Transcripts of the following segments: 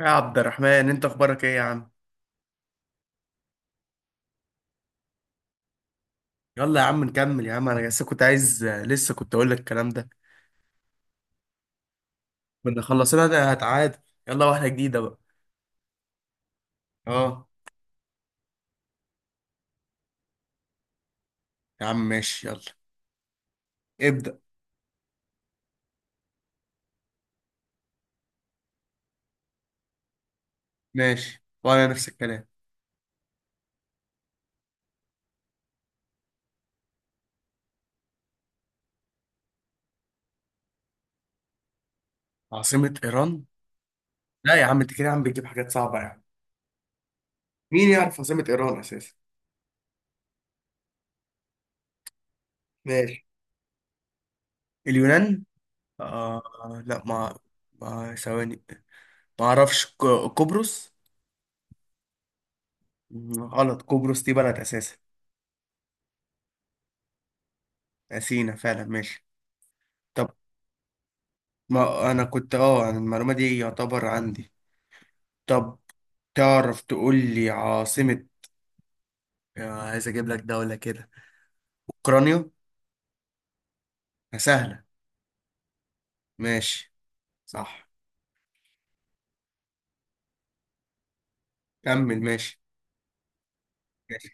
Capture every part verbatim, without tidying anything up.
يا عبد الرحمن، انت اخبارك ايه يا عم؟ يلا يا عم نكمل يا عم. انا لسه كنت عايز لسه كنت اقول لك الكلام ده. كنا خلصنا ده هتعادل. يلا واحده جديده بقى. اه. يا عم ماشي يلا. ابدأ. ماشي وانا نفس الكلام. عاصمة ايران؟ لا يا عم، انت كده يا عم بتجيب حاجات صعبة يا عم. مين يعرف عاصمة ايران اساسا؟ ماشي. اليونان. آه، لا، ما ما ثواني، ما اعرفش. ك- قبرص. غلط، قبرص دي بلد اساسا. سينا فعلا ماشي. طب، ما انا كنت، اه انا المعلومه دي يعتبر عندي. طب تعرف تقول لي عاصمه، آه، عايز اجيب لك دوله كده؟ اوكرانيا. سهله. ماشي. صح. كمل ماشي. ماشي.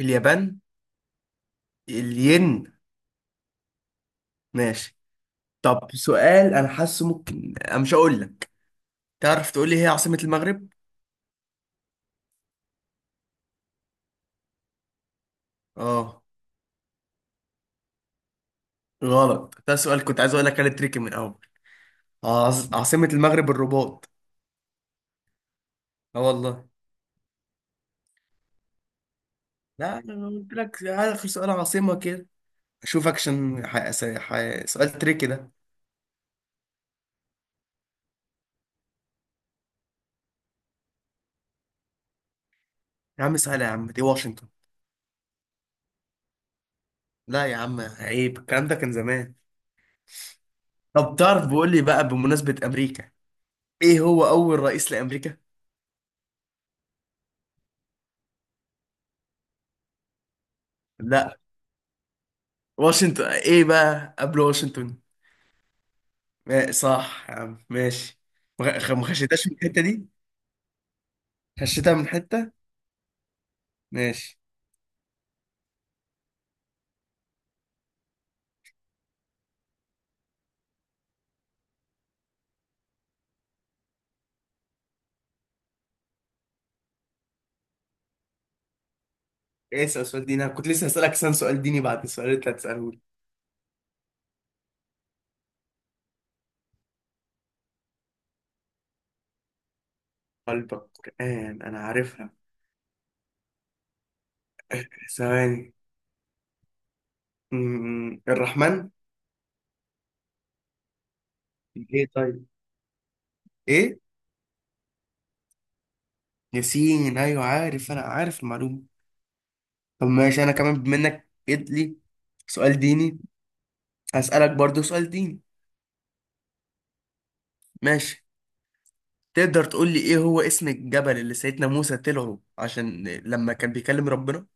اليابان؟ الين. ماشي. طب سؤال، انا حاسه ممكن انا مش هقول لك، تعرف تقول لي هي عاصمه المغرب؟ اه. غلط، ده سؤال كنت عايز اقول لك انا تريكي من الاول. عاص- عاصمه المغرب الرباط. اه والله. لا انا قلت لك اخر سؤال عاصمه كده. اشوف اكشن. ح... س- ح... سؤال تريكي ده. يا عم سهل يا عم، دي واشنطن. لا يا عم عيب، الكلام ده كان زمان. طب تعرف بقول لي بقى، بمناسبة امريكا، ايه هو اول رئيس لامريكا؟ لا. واشنطن ايه بقى، قبل واشنطن؟ ما- صح يا عم ماشي. ما خ- ما خشيتهاش من الحتة دي. خشيتها من حتة. ماشي. إيه، اسأل سؤال ديني. انا كنت لسه هسألك سؤال سؤال ديني بعد السؤال اللي انت هتسأله لي. قلبك قرآن انا عارفها. ثواني. م- الرحمن. ايه طيب، ايه. ياسين ايوه، عارف، انا عارف المعلومه. طب ماشي، انا كمان بما انك جيت لي سؤال ديني، هسألك برضو سؤال ديني. ماشي. تقدر تقول لي ايه هو اسم الجبل اللي سيدنا موسى طلعه عشان لما كان بيكلم ربنا؟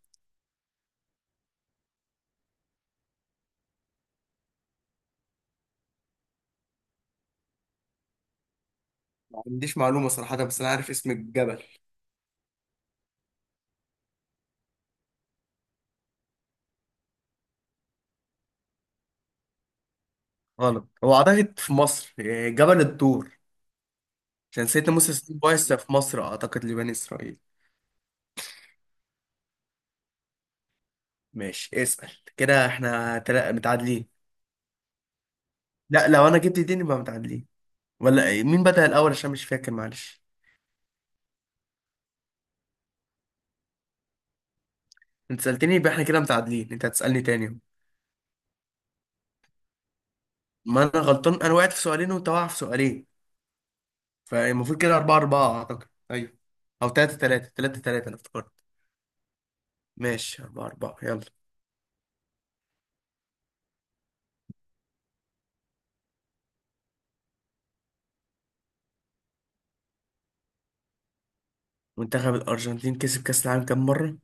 ما عنديش معلومه صراحه، بس انا عارف اسم الجبل. غلط، هو اعتقد في مصر، إيه، جبل الطور. عشان سيدنا موسى بعث في مصر اعتقد لبني اسرائيل. ماشي اسأل. كده احنا تلا- متعادلين. لا، لو انا جبت ديني يبقى متعادلين ولا إيه؟ مين بدأ الاول عشان مش فاكر معلش؟ انت سألتني يبقى احنا كده متعادلين، انت هتسألني تاني. ما انا غلطان، انا وقعت في سؤالين وانت واقع في سؤالين، فالمفروض كده أربعة أربعة أعتقد، أيوه. أو تلاتة تلاتة تلاتة تلاتة أنا افتكرت. ماشي أربعة أربعة يلا. منتخب الأرجنتين كسب كأس العالم كام مرة؟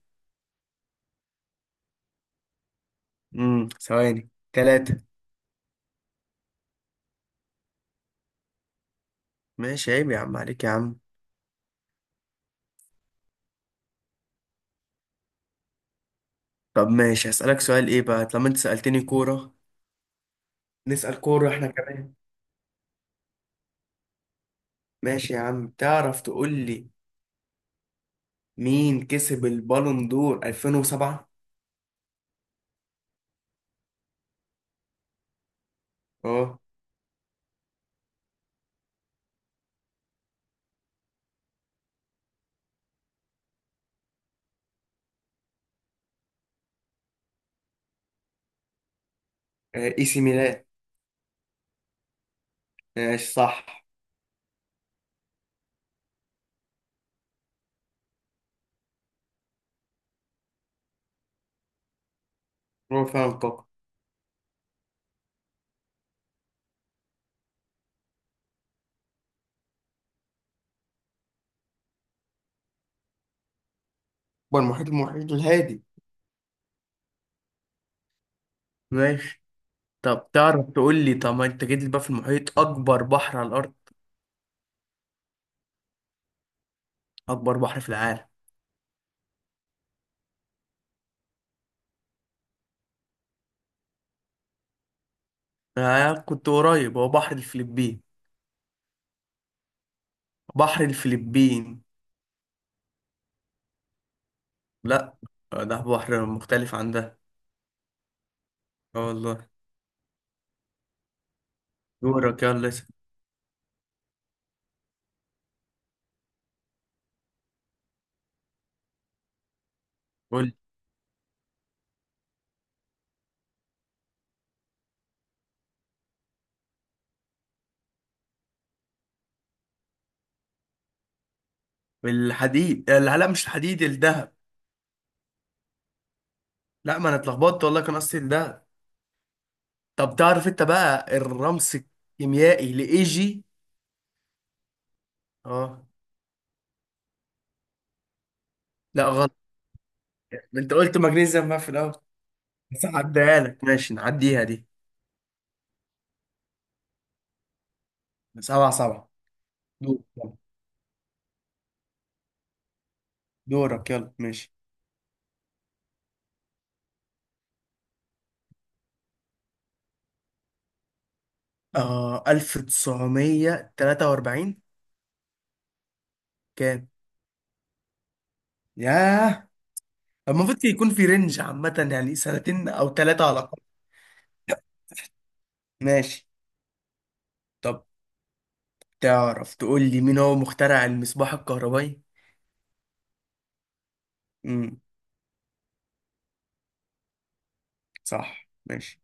امم ثواني، تلاتة. ماشي عيب يا عم عليك يا عم. طب ماشي، هسألك سؤال إيه بقى؟ طالما أنت سألتني كورة نسأل كورة احنا كمان. ماشي يا عم، تعرف تقول لي مين كسب البالون دور ألفين وسبعة؟ اه. آه، اي سي ميلان. ماشي صح. هو فعلا الكوكب. هو المحيط، المحيط الهادي. ماشي. طب تعرف تقول لي، طب ما انت جيت لي بقى في المحيط، اكبر بحر على الارض، اكبر بحر في العالم؟ آه كنت قريب، هو بحر الفلبين. بحر الفلبين. لا، آه، ده بحر مختلف عن ده. اه والله. دورك يلا اسأل. قول لي الحديد، آه، لا لا، مش الحديد الذهب. لا ما انا اتلخبطت والله، كان قصدي الذهب. طب تعرف انت بقى الرمز الكيميائي لايجي؟ اه. لا غلط. ما انت قلت مغنيسيوم بقى في الاول. بس عديها لك، ماشي نعديها دي. سبعة سبعة. دورك يلا. دورك يلا ماشي. آه ألف تسعمية تلاتة وأربعين. كام؟ ياه. المفروض يكون في رينج عامة، يعني سنتين أو ثلاثة على الأقل. ماشي. طب تعرف تقول لي مين هو مخترع المصباح الكهربائي؟ امم. صح ماشي.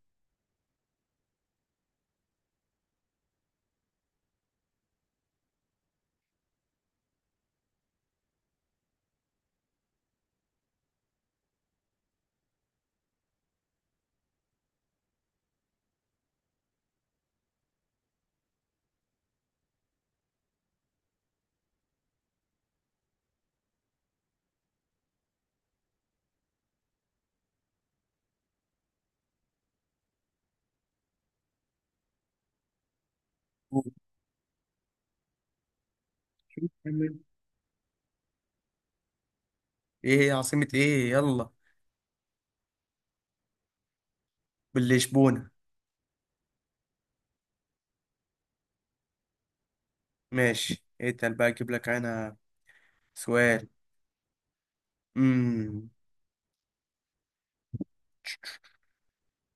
قول. كمل. إيه هي عاصمة إيه؟ يلا. باللشبونة. ماشي اتقل بقى، اجيب لك انا سؤال. امم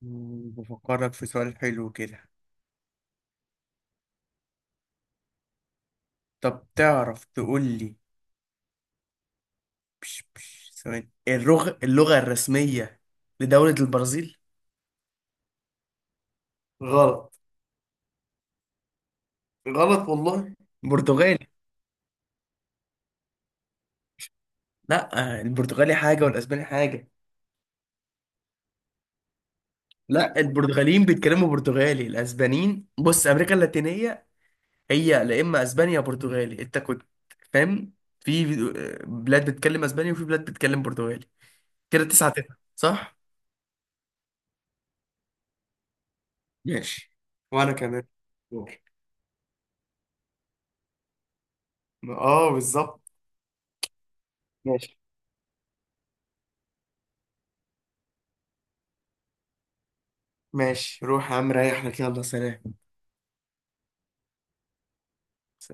مم، بفكرك في سؤال حلو كده. طب تعرف تقول لي، بش بش ثواني، الرغ... اللغة الرسمية لدولة البرازيل؟ غلط. غلط والله. برتغالي. لا، آه، البرتغالي حاجة والأسباني حاجة. لا البرتغاليين بيتكلموا برتغالي، الأسبانيين. بص، أمريكا اللاتينية هي لا، إما أسبانيا يا برتغالي، أنت كنت فاهم. في آه، بلاد بتتكلم أسباني وفي بلاد بتتكلم برتغالي. كده تسعة تسعة صح؟ ماشي. وأنا كمان. دور. اه بالظبط. ماشي ماشي روح يا عم ريح لك، يلا سلام.